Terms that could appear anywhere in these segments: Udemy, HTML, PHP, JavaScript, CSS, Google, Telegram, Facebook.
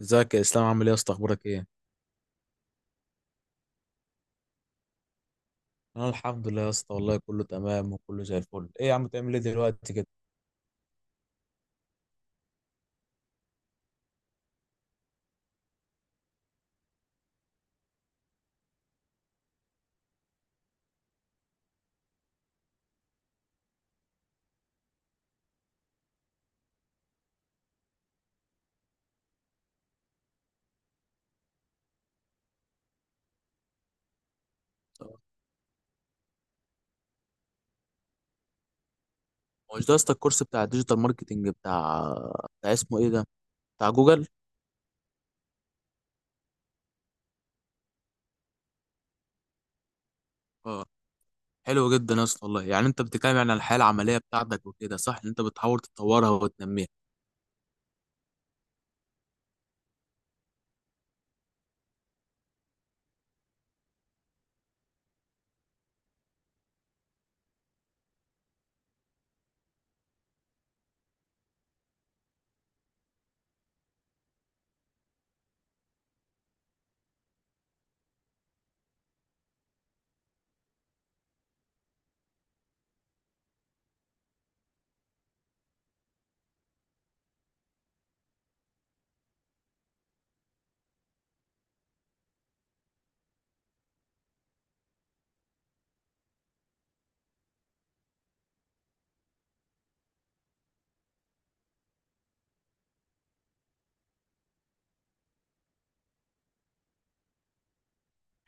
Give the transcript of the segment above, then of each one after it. ازيك يا اسلام؟ عامل ايه يا اسطى؟ اخبارك ايه؟ انا الحمد لله يا اسطى، والله كله تمام وكله زي الفل. ايه يا عم تعمل ايه دلوقتي كده؟ هو مش ده يا اسطى الكورس بتاع الديجيتال ماركتنج بتاع اسمه ايه ده، بتاع جوجل؟ اه، حلو جدا يا اسطى والله. يعني انت بتتكلم يعني عن الحياه العمليه بتاعتك وكده، صح ان انت بتحاول تطورها وتنميها.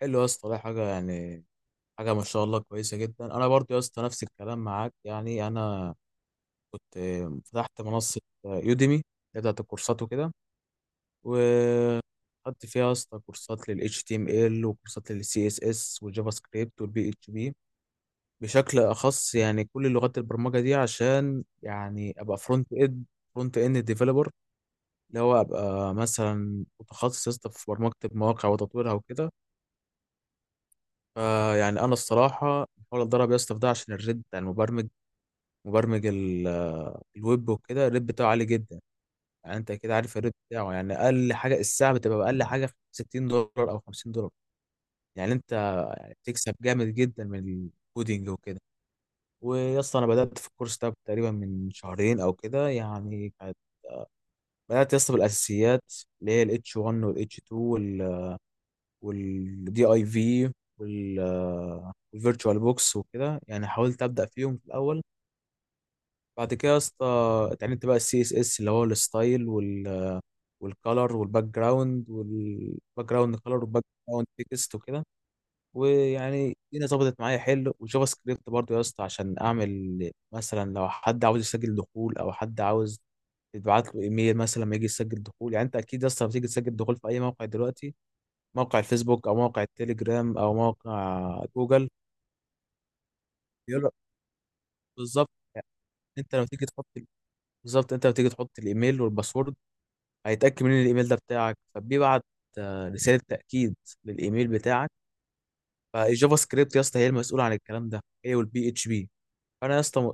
حلو يا اسطى والله، حاجه يعني ما شاء الله كويسه جدا. انا برضو يا اسطى نفس الكلام معاك. يعني انا كنت فتحت منصه يوديمي بتاعت الكورسات وكده، خدت فيها يا اسطى كورسات لل HTML وكورسات لل CSS والجافا سكريبت وال PHP بشكل أخص. يعني كل لغات البرمجة دي عشان يعني أبقى فرونت إند ديفلوبر، اللي هو أبقى مثلا متخصص يا اسطى في برمجة المواقع وتطويرها وكده. فيعني أنا الصراحة بحاول أتدرب يا اسطى في ده عشان الريت بتاع المبرمج، مبرمج ال- الويب وكده، الريت بتاعه عالي جدا. يعني أنت كده عارف الريت بتاعه، يعني أقل حاجة الساعة بتبقى أقل حاجة 60 دولار أو 50 دولار. يعني انت بتكسب جامد جدا من الكودينج وكده. ويا اسطى انا بدات في الكورس ده تقريبا من شهرين او كده. يعني بدات يا اسطى بالاساسيات، اللي هي الاتش 1 والاتش 2 والدي اي في والفيرتشوال بوكس وكده. يعني حاولت ابدا فيهم في الاول. بعد كده يا اسطى اتعلمت بقى السي اس اس، اللي هو الستايل والكالر والباك جراوند والباك جراوند كالر والباك جراوند تكست وكده. ويعني الدنيا ظبطت معايا حلو. وجافا سكريبت برضو يا اسطى عشان اعمل مثلا لو حد عاوز يسجل دخول او حد عاوز تبعت له ايميل مثلا لما يجي يسجل دخول. يعني انت اكيد يا اسطى لما تيجي تسجل دخول في اي موقع دلوقتي، موقع الفيسبوك او موقع التليجرام او موقع جوجل، بيقول لك، بالظبط يعني، انت لما تيجي تحط، بالظبط انت لما تيجي تحط الايميل والباسورد، هيتاكد من الايميل ده بتاعك، فبيبعت رساله تاكيد للايميل بتاعك. فالجافا سكريبت يا اسطى هي المسؤوله عن الكلام ده، هي والبي اتش بي. فانا يا اسطى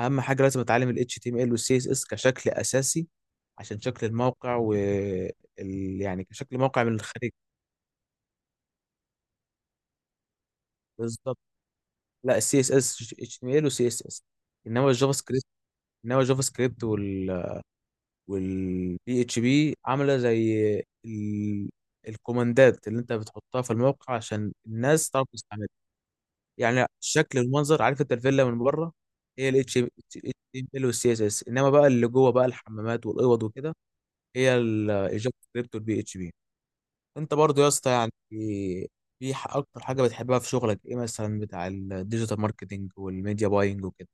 اهم حاجه لازم اتعلم ال HTML وال CSS كشكل اساسي عشان شكل الموقع يعني كشكل موقع من الخارج. بالظبط. لا، ال HTML وال CSS، انما الجافا سكريبت، انما الجافا سكريبت وال وال PHP عامله زي ال... الكوماندات اللي انت بتحطها في الموقع عشان الناس تعرف تستعملها. يعني الشكل والمنظر، عارف انت الفيلا من بره، هي ال HTML وال CSS، انما بقى اللي جوه بقى الحمامات والاوض وكده، هي الجافا سكريبت والبي اتش بي. انت برضو يا اسطى يعني اكتر حاجه بتحبها في شغلك ايه، مثلا بتاع الديجيتال ماركتنج والميديا باينج وكده؟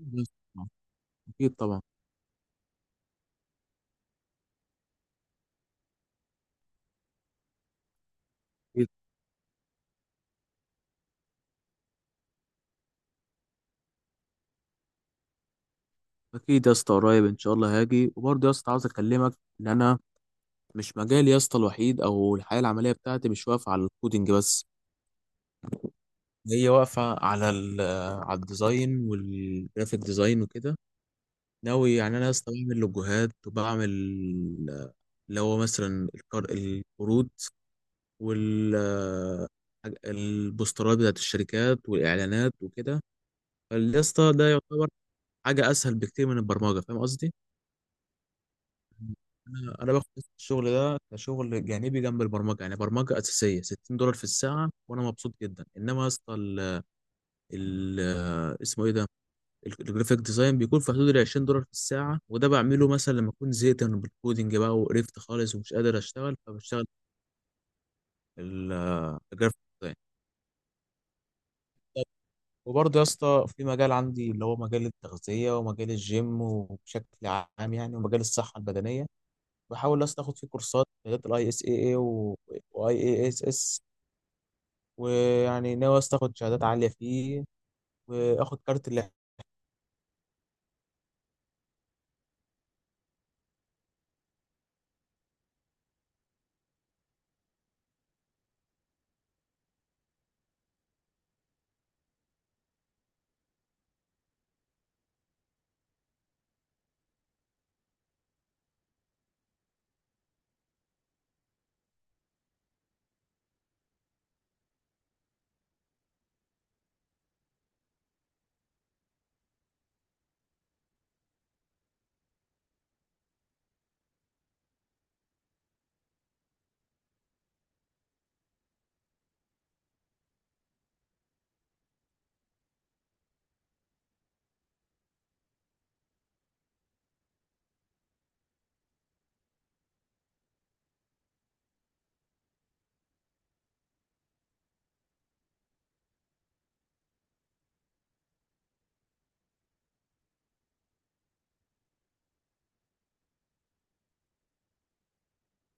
أكيد طبعا. أكيد طبعا. أكيد. أكيد يا اسطى، قريب إن شاء الله هاجي. وبرضه يا اسطى عاوز أكلمك إن أنا مش مجالي يا اسطى الوحيد أو الحياة العملية بتاعتي مش واقفة على الكودينج بس، هي واقفة على على الديزاين والجرافيك ديزاين وكده. ناوي يعني انا اصلا بعمل لوجوهات وبعمل، اللي هو مثلا، القروض وال البوسترات بتاعت الشركات والاعلانات وكده. فاليسطا ده يعتبر حاجه اسهل بكتير من البرمجه، فاهم قصدي؟ انا باخد الشغل ده كشغل جانبي جنب البرمجه. يعني برمجه اساسيه 60 دولار في الساعه وانا مبسوط جدا. انما يا اسطى اسمه ايه ده، الجرافيك ديزاين بيكون في حدود ال 20 دولار في الساعة، وده بعمله مثلا لما أكون زهقت من الكودينج بقى وقرفت خالص ومش قادر أشتغل، فبشتغل ال- الجرافيك ديزاين. وبرضه يا اسطى في مجال عندي اللي هو مجال التغذية ومجال الجيم وبشكل عام يعني، ومجال الصحة البدنية. بحاول يا اسطى آخد فيه كورسات، شهادات الاي اس اي اي واي اي اس اس. ويعني ناوي يا اسطى آخد شهادات عالية فيه، وآخد كارت اللي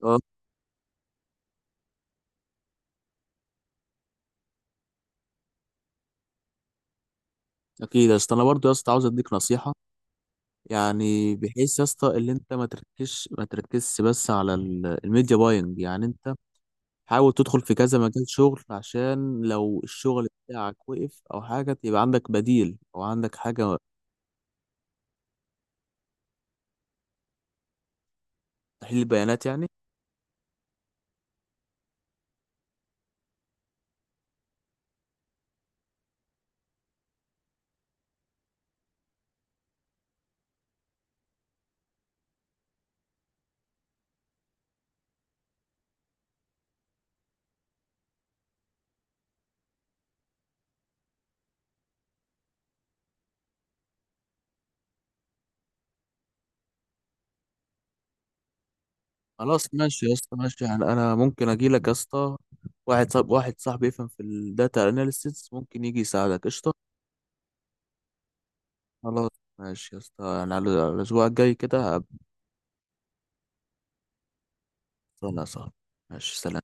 اه. اكيد يا اسطى. انا برضو يا اسطى عاوز اديك نصيحة، يعني بحيث يا اسطى اللي انت ما تركزش بس على الميديا باينج. يعني انت حاول تدخل في كذا مجال شغل، عشان لو الشغل بتاعك وقف او حاجه يبقى عندك بديل او عندك حاجه. تحليل بيانات يعني. خلاص ماشي يا اسطى، ماشي. يعني انا ممكن اجي لك يا اسطى واحد صاحبي يفهم في الداتا اناليسيس، ممكن يجي يساعدك، قشطه. خلاص ماشي يا اسطى. يعني على الاسبوع الجاي كده هبقى انا صاحبي. ماشي، سلام.